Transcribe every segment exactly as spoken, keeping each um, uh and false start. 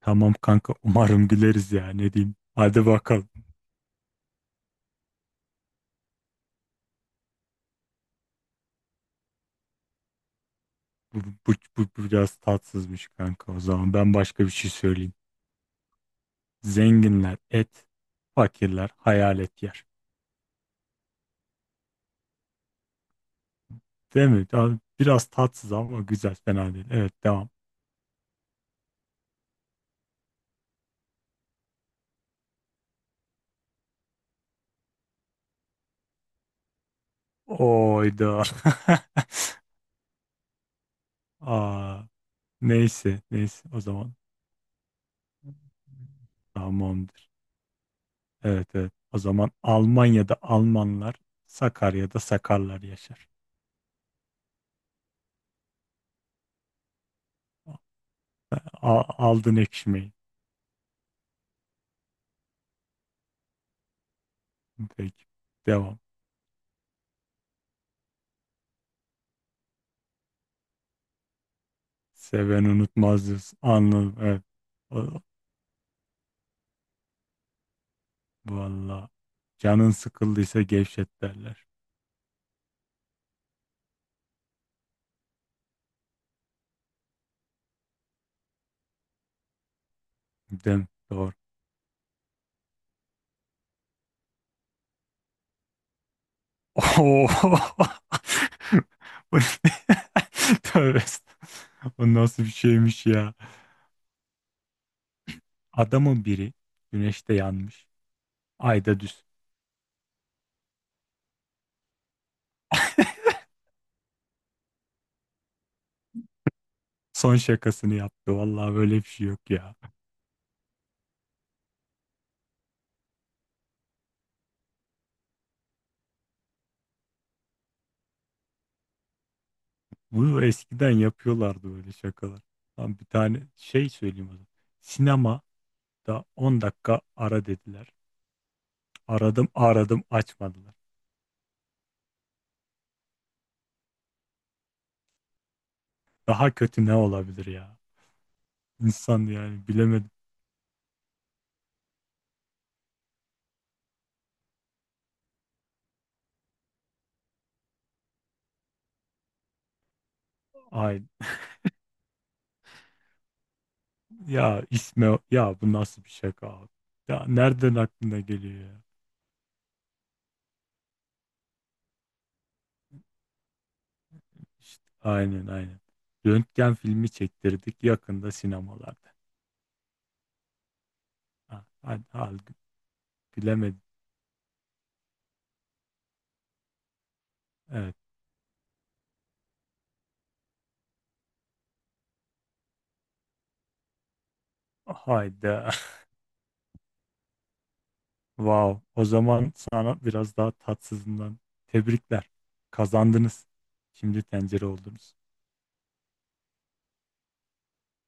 Tamam kanka, umarım güleriz ya, ne diyeyim. Hadi bakalım. Bu, bu, bu, bu biraz tatsızmış kanka, o zaman ben başka bir şey söyleyeyim. Zenginler et, fakirler hayalet yer. Değil mi? Ya biraz tatsız ama güzel, fena değil. Evet, devam. Oyda. Aa, neyse neyse, o zaman tamamdır. Evet evet, o zaman Almanya'da Almanlar, Sakarya'da Sakarlar yaşar. A- aldın ekşimeyi. Peki, devam. Seven unutmaz diyorsun. Anladım. Evet. O- valla. Canın sıkıldıysa gevşet derler. Değil mi? Doğru. Oo. Bu ne? Tövbe, estağfurullah. O nasıl bir şeymiş ya? Adamın biri güneşte yanmış. Ayda düz. Son şakasını yaptı. Vallahi böyle bir şey yok ya. Bunu eskiden yapıyorlardı, böyle şakalar. Lan bir tane şey söyleyeyim o zaman. Sinemada on dakika ara dediler. Aradım aradım, açmadılar. Daha kötü ne olabilir ya? İnsan yani, bilemedim. Ay ya isme, ya bu nasıl bir şaka abi? Ya nereden aklına geliyor ya? İşte, aynen aynen. Röntgen filmi çektirdik, yakında sinemalarda. Ha, hadi, hadi, bilemedim. Evet. Hayda. Wow. O zaman sana biraz daha tatsızından tebrikler. Kazandınız. Şimdi tencere oldunuz.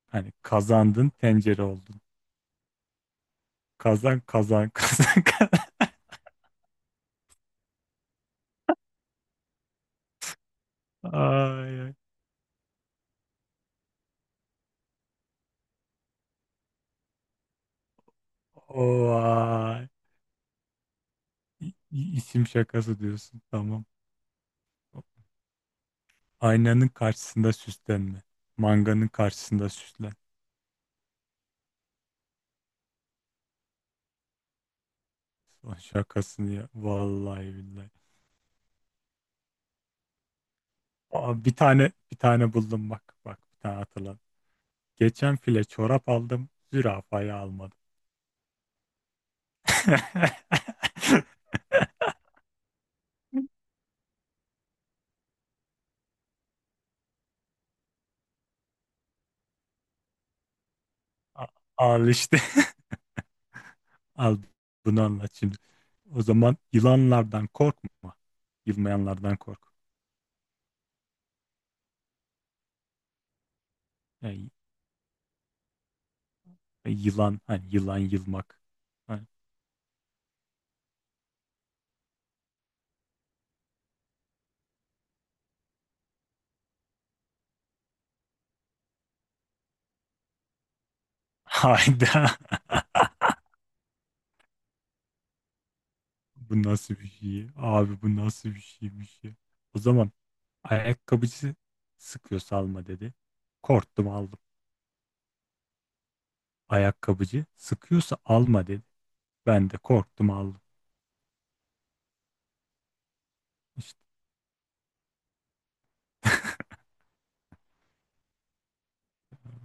Hani kazandın, tencere oldun. Kazan kazan kazan kazan. Ay, ay. Oy. İ- i- İsim şakası diyorsun. Tamam. Aynanın karşısında süslenme. Manganın karşısında süslen. Son şakasını ya. Vallahi billahi. Aa, bir tane bir tane buldum bak. Bak, bir tane hatırladım. Geçen file çorap aldım. Zürafayı almadım. A- al işte. Al, bunu anlat şimdi. O zaman yılanlardan korkma. Yılmayanlardan kork. Yani yılan, hani yılan, yılmak. Hani, hayda. Bu nasıl bir şey? Abi bu nasıl bir şeymiş ya? O zaman ayakkabıcı sıkıyorsa alma dedi. Korktum aldım. Ayakkabıcı sıkıyorsa alma dedi. Ben de korktum aldım. İşte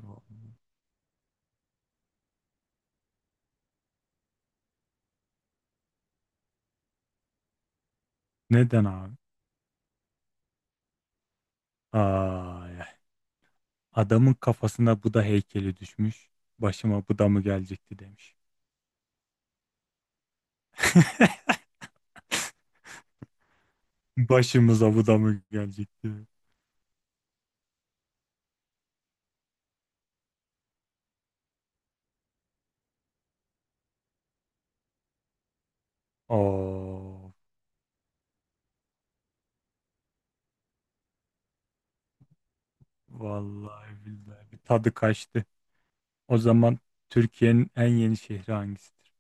o- neden abi? Ay, ay. Adamın kafasına Buda heykeli düşmüş. Başıma Buda mı gelecekti demiş. Başımıza Buda mı gelecekti? Oo. Vallahi billahi bir tadı kaçtı. O zaman Türkiye'nin en yeni şehri hangisidir?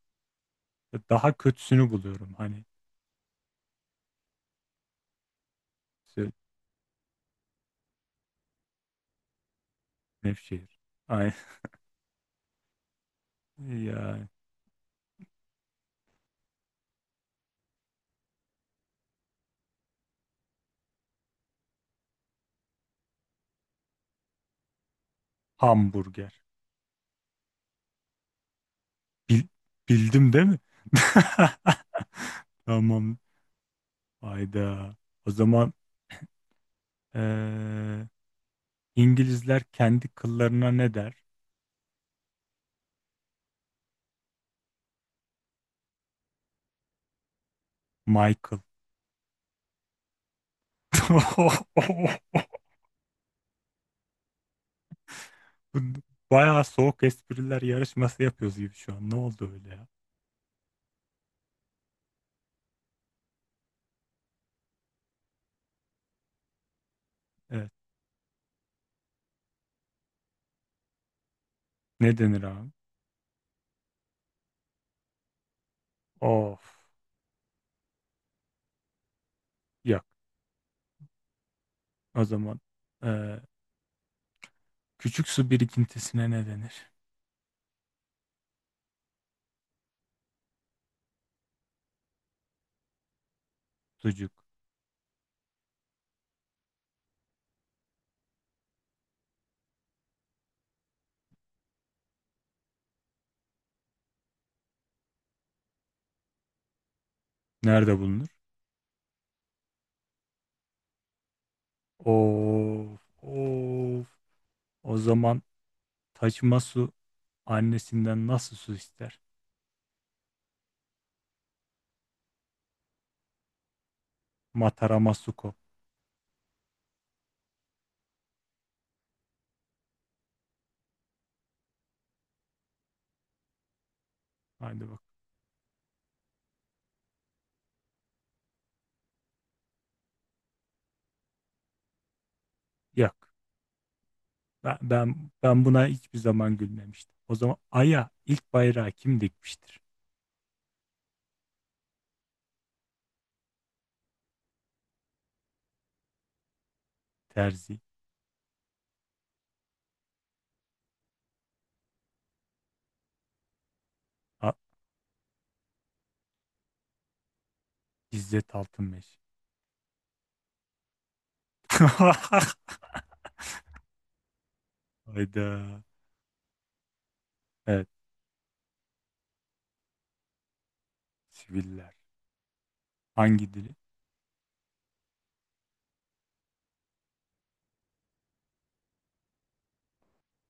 Daha kötüsünü buluyorum hani, işte Nevşehir. Ay ya, hamburger. Bil- bildim değil mi? Tamam. Hayda. O zaman eee, İngilizler kendi kıllarına ne der? Michael. Bayağı soğuk espriler yarışması yapıyoruz gibi şu an. Ne oldu öyle ya? Evet. Ne denir abi? Of. Yok. O zaman eee, küçük su birikintisine ne denir? Sucuk. Nerede bulunur? Of. Of. O zaman taşıma su annesinden nasıl su ister? Matarama suko. Haydi bak. Yok. Ben, ben, ben buna hiçbir zaman gülmemiştim. O zaman Ay'a ilk bayrağı kim dikmiştir? Terzi. A İzzet Altınmeş. Hayda. Evet. Siviller. Hangi dili?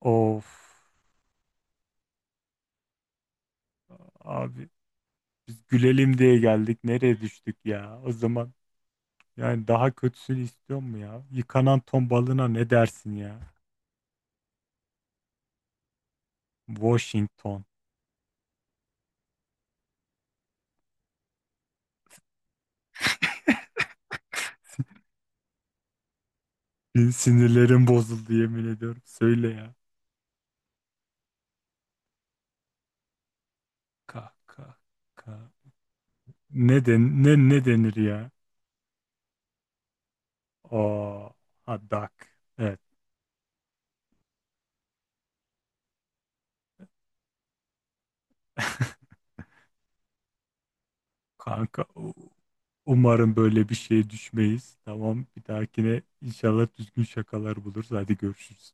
Of. Abi biz gülelim diye geldik. Nereye düştük ya? O zaman yani daha kötüsünü istiyor mu ya? Yıkanan ton balığına ne dersin ya? Washington. Bir sinirlerim bozuldu, yemin ediyorum. Söyle ya. Ka ka ka. Ne den ne ne denir ya? Aa, ha, duck. Evet. Kanka u- umarım böyle bir şeye düşmeyiz. Tamam, bir dahakine inşallah düzgün şakalar buluruz. Hadi görüşürüz.